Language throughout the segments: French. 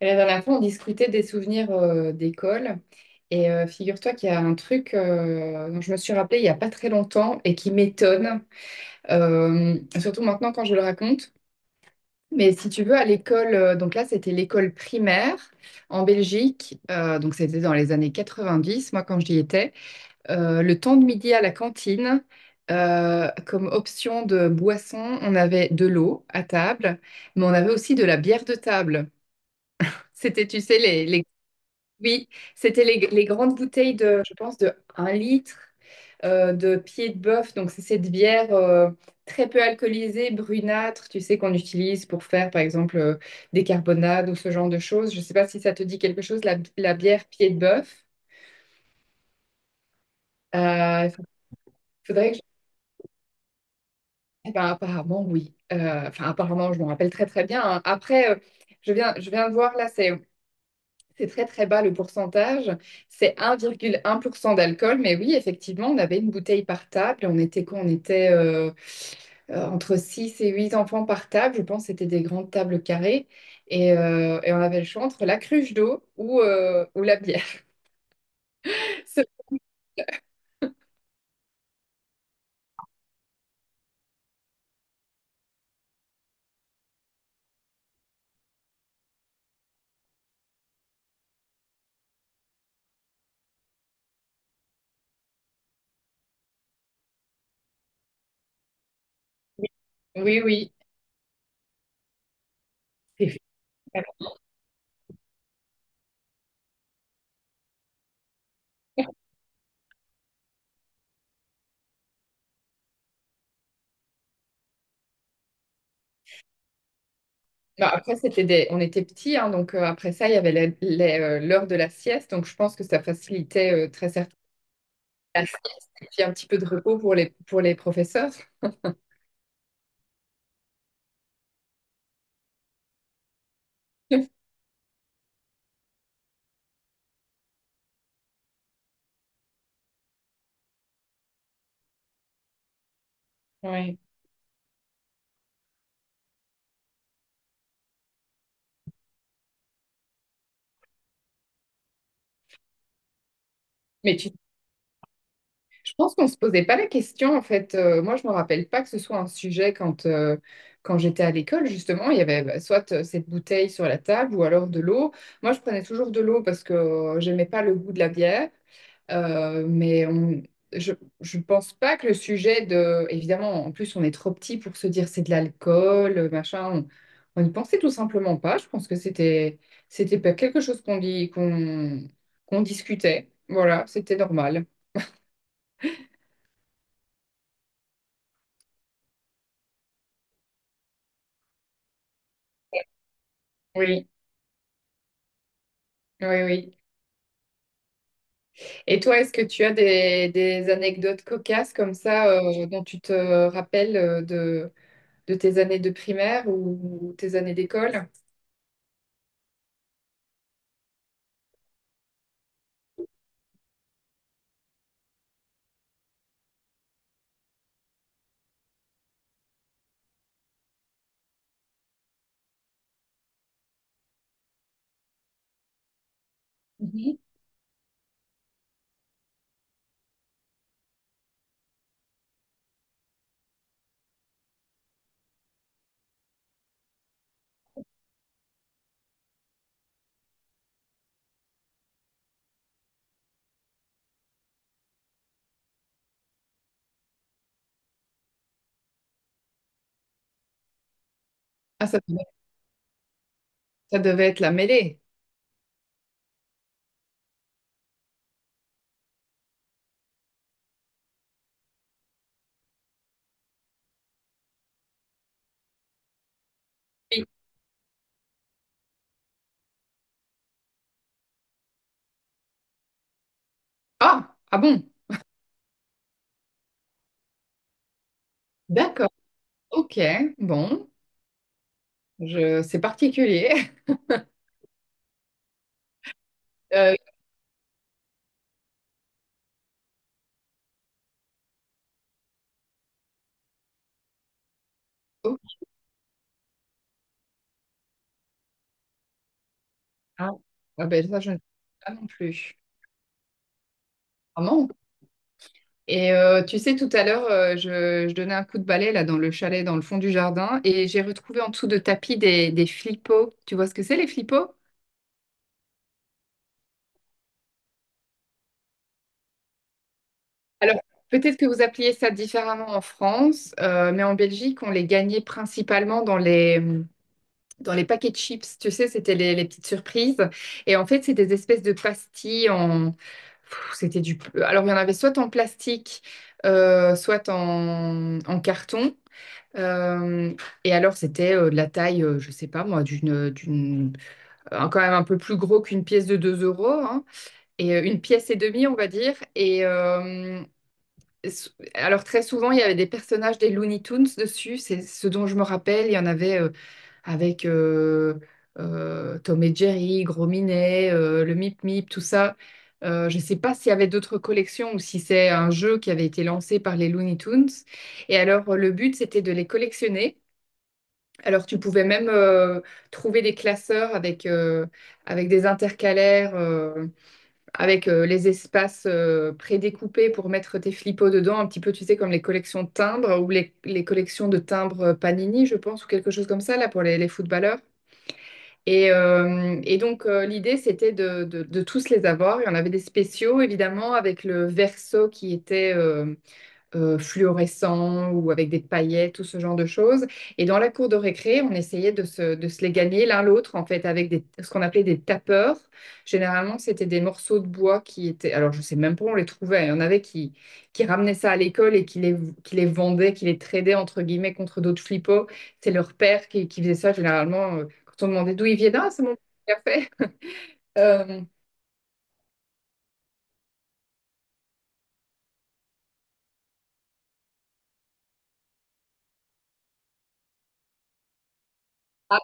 La dernière fois, on discutait des souvenirs d'école. Et figure-toi qu'il y a un truc dont je me suis rappelée il n'y a pas très longtemps et qui m'étonne, surtout maintenant quand je le raconte. Mais si tu veux, à l'école, donc là, c'était l'école primaire en Belgique. Donc c'était dans les années 90, moi, quand j'y étais. Le temps de midi à la cantine, comme option de boisson, on avait de l'eau à table, mais on avait aussi de la bière de table. C'était, tu sais, les oui, c'était les grandes bouteilles de, je pense, de 1 litre de pied de bœuf. Donc, c'est cette bière très peu alcoolisée, brunâtre, tu sais, qu'on utilise pour faire, par exemple, des carbonades ou ce genre de choses. Je ne sais pas si ça te dit quelque chose, la bière pied de bœuf. Il faudrait que je... Eh ben, apparemment, oui. Enfin, apparemment, je m'en rappelle très, très bien, hein. Après, je viens de voir, là, c'est très très bas le pourcentage, c'est 1,1% d'alcool, mais oui, effectivement, on avait une bouteille par table, on était quoi? On était entre 6 et 8 enfants par table, je pense que c'était des grandes tables carrées, et on avait le choix entre la cruche d'eau ou la bière. Ce- Oui, oui. C'est- Non, après, c'était des... on était petits, hein, donc après ça, il y avait l'heure de la sieste, donc je pense que ça facilitait très certainement la sieste, et puis un petit peu de repos pour pour les professeurs. Oui. Mais tu- je pense qu'on ne se posait pas la question, en fait. Moi, je ne me rappelle pas que ce soit un sujet quand, quand j'étais à l'école, justement. Il y avait bah, soit cette bouteille sur la table ou alors de l'eau. Moi, je prenais toujours de l'eau parce que j'aimais pas le goût de la bière. Euh, mais on- je ne pense pas que le sujet de... Évidemment, en plus, on est trop petit pour se dire c'est de l'alcool, machin. On n'y pensait tout simplement pas. Je pense que c'était pas quelque chose qu'on dit, qu'on discutait. Voilà, c'était normal. Oui. Oui, oui. Et toi, est-ce que tu as des anecdotes cocasses comme ça dont tu te rappelles de tes années de primaire ou tes années d'école? Mhm. Ah, ça devait, Ça devait être la mêlée. Oui. Ah, ah bon, d'accord, ok, bon, c'est particulier. Euh, oh, ah, ah ben ça, je ne sais pas non plus. Ah non. Et tu sais, tout à l'heure, je donnais un coup de balai là dans le chalet, dans le fond du jardin, et j'ai retrouvé en dessous de tapis des flipos. Tu vois ce que c'est, les flipos? Alors, peut-être que vous appeliez ça différemment en France, mais en Belgique, on les gagnait principalement dans les paquets de chips. Tu sais, c'était les petites surprises. Et en fait, c'est des espèces de pastilles en... Pff, c'était du... Alors, il y en avait soit en plastique, soit en, en carton. Euh, et alors, c'était de la taille, je sais pas moi, quand même un peu plus gros qu'une pièce de 2 euros, hein, et une pièce et demie, on va dire. Et alors, très souvent, il y avait des personnages des Looney Tunes dessus, c'est ce dont je me rappelle. Il y en avait avec Tom et Jerry, Gros Minet, le Mip Mip, tout ça. Je sais pas s'il y avait d'autres collections ou si c'est un jeu qui avait été lancé par les Looney Tunes. Et alors, le but, c'était de les collectionner. Alors, tu pouvais même trouver des classeurs avec, avec des intercalaires, avec les espaces prédécoupés pour mettre tes flipos dedans, un petit peu, tu sais, comme les collections de timbres ou les collections de timbres Panini, je pense, ou quelque chose comme ça, là, pour les footballeurs. Et donc, l'idée, c'était de tous les avoir. Il y en avait des spéciaux, évidemment, avec le verso qui était, fluorescents ou avec des paillettes, tout ce genre de choses. Et dans la cour de récré, on essayait de se les gagner l'un l'autre, en fait, avec des, ce qu'on appelait des tapeurs. Généralement, c'était des morceaux de bois qui étaient... Alors, je ne sais même pas où on les trouvait. Il y en avait qui ramenaient ça à l'école et qui les vendaient, qui les tradaient, entre guillemets, contre d'autres flippos. C'est leur père qui faisait ça, généralement, quand on demandait d'où ils viennent. Ah, c'est mon père qui l'a fait. Euh, ah,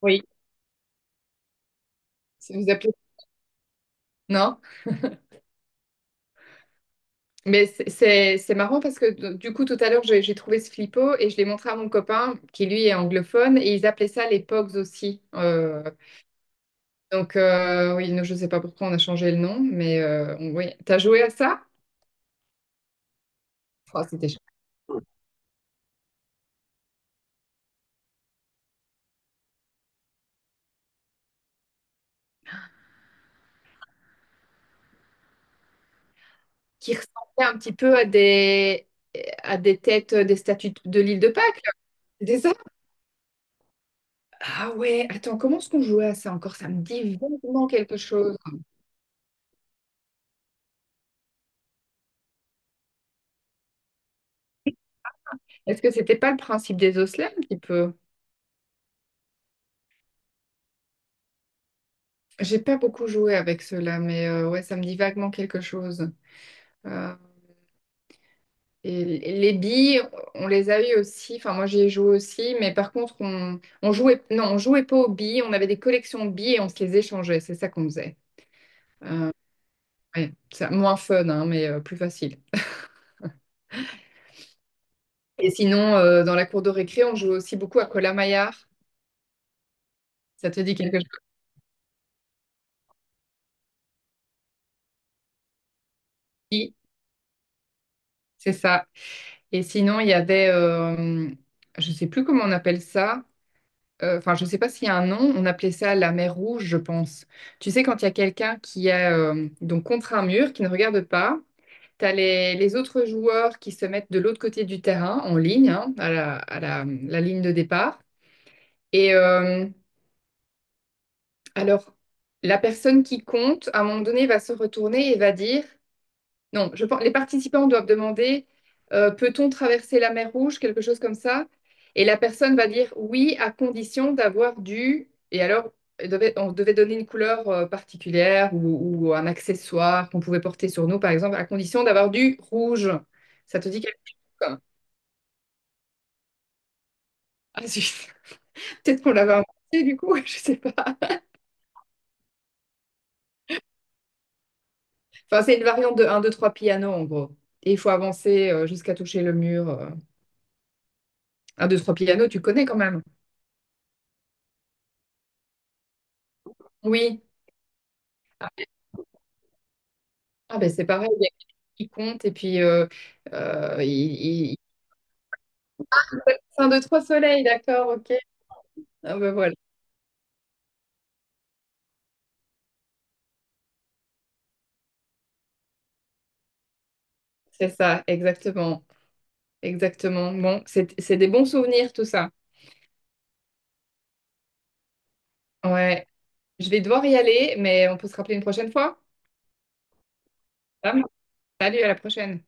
oui, ça vous appelez... Non? Mais c'est marrant parce que du coup, tout à l'heure, j'ai trouvé ce flippo et je l'ai montré à mon copain qui, lui, est anglophone et ils appelaient ça les Pogs aussi. Donc, oui, non, je ne sais pas pourquoi on a changé le nom, mais oui. T'as joué à ça? Oh, c'était chouette. Qui ressemblait un petit peu à des têtes des statues de l'île de Pâques, là. C'était ça? Ah ouais, attends, comment est-ce qu'on jouait à ça encore? Ça me dit vaguement quelque chose. Est-ce que c'était pas le principe des osselets un petit peu? J'ai pas beaucoup joué avec ceux-là, mais ouais, ça me dit vaguement quelque chose. Euh, et les billes, on les a eu aussi. Enfin, moi, j'y ai joué aussi, mais par contre, on jouait pas aux billes. On avait des collections de billes et on se les échangeait. C'est ça qu'on faisait. Ouais, c'est moins fun, hein, mais plus facile. Et sinon, dans la cour de récré, on jouait aussi beaucoup à Cola maillard. Ça te dit quelque chose? Oui, c'est ça. Et sinon, il y avait, je sais plus comment on appelle ça. Enfin, je ne sais pas s'il y a un nom, on appelait ça la mer rouge, je pense. Tu sais, quand il y a quelqu'un qui est donc contre un mur, qui ne regarde pas, tu as les autres joueurs qui se mettent de l'autre côté du terrain, en ligne, hein, à la ligne de départ. Et alors, la personne qui compte, à un moment donné, va se retourner et va dire. Non, je pense, les participants doivent demander peut-on traverser la mer Rouge, quelque chose comme ça. Et la personne va dire oui, à condition d'avoir du. Et alors, on devait donner une couleur particulière ou un accessoire qu'on pouvait porter sur nous, par exemple, à condition d'avoir du rouge. Ça te dit quelque chose, hein? Ah, zut. Peut-être qu'on l'avait inventé du coup, je sais pas. Enfin, c'est une variante de un, 2, 3 piano en gros. Et il faut avancer jusqu'à toucher le mur. 1, 2, 3 piano, tu connais quand même. Oui. Ah ben c'est pareil, il y a quelqu'un qui compte et puis euh, il, il- il- un, deux, trois soleils, d'accord, ok. Ah ben voilà, c'est ça, exactement, exactement. Bon, c'est des bons souvenirs tout ça. Ouais, je vais devoir y aller, mais on peut se rappeler une prochaine fois. Ça marche. Salut, à la prochaine.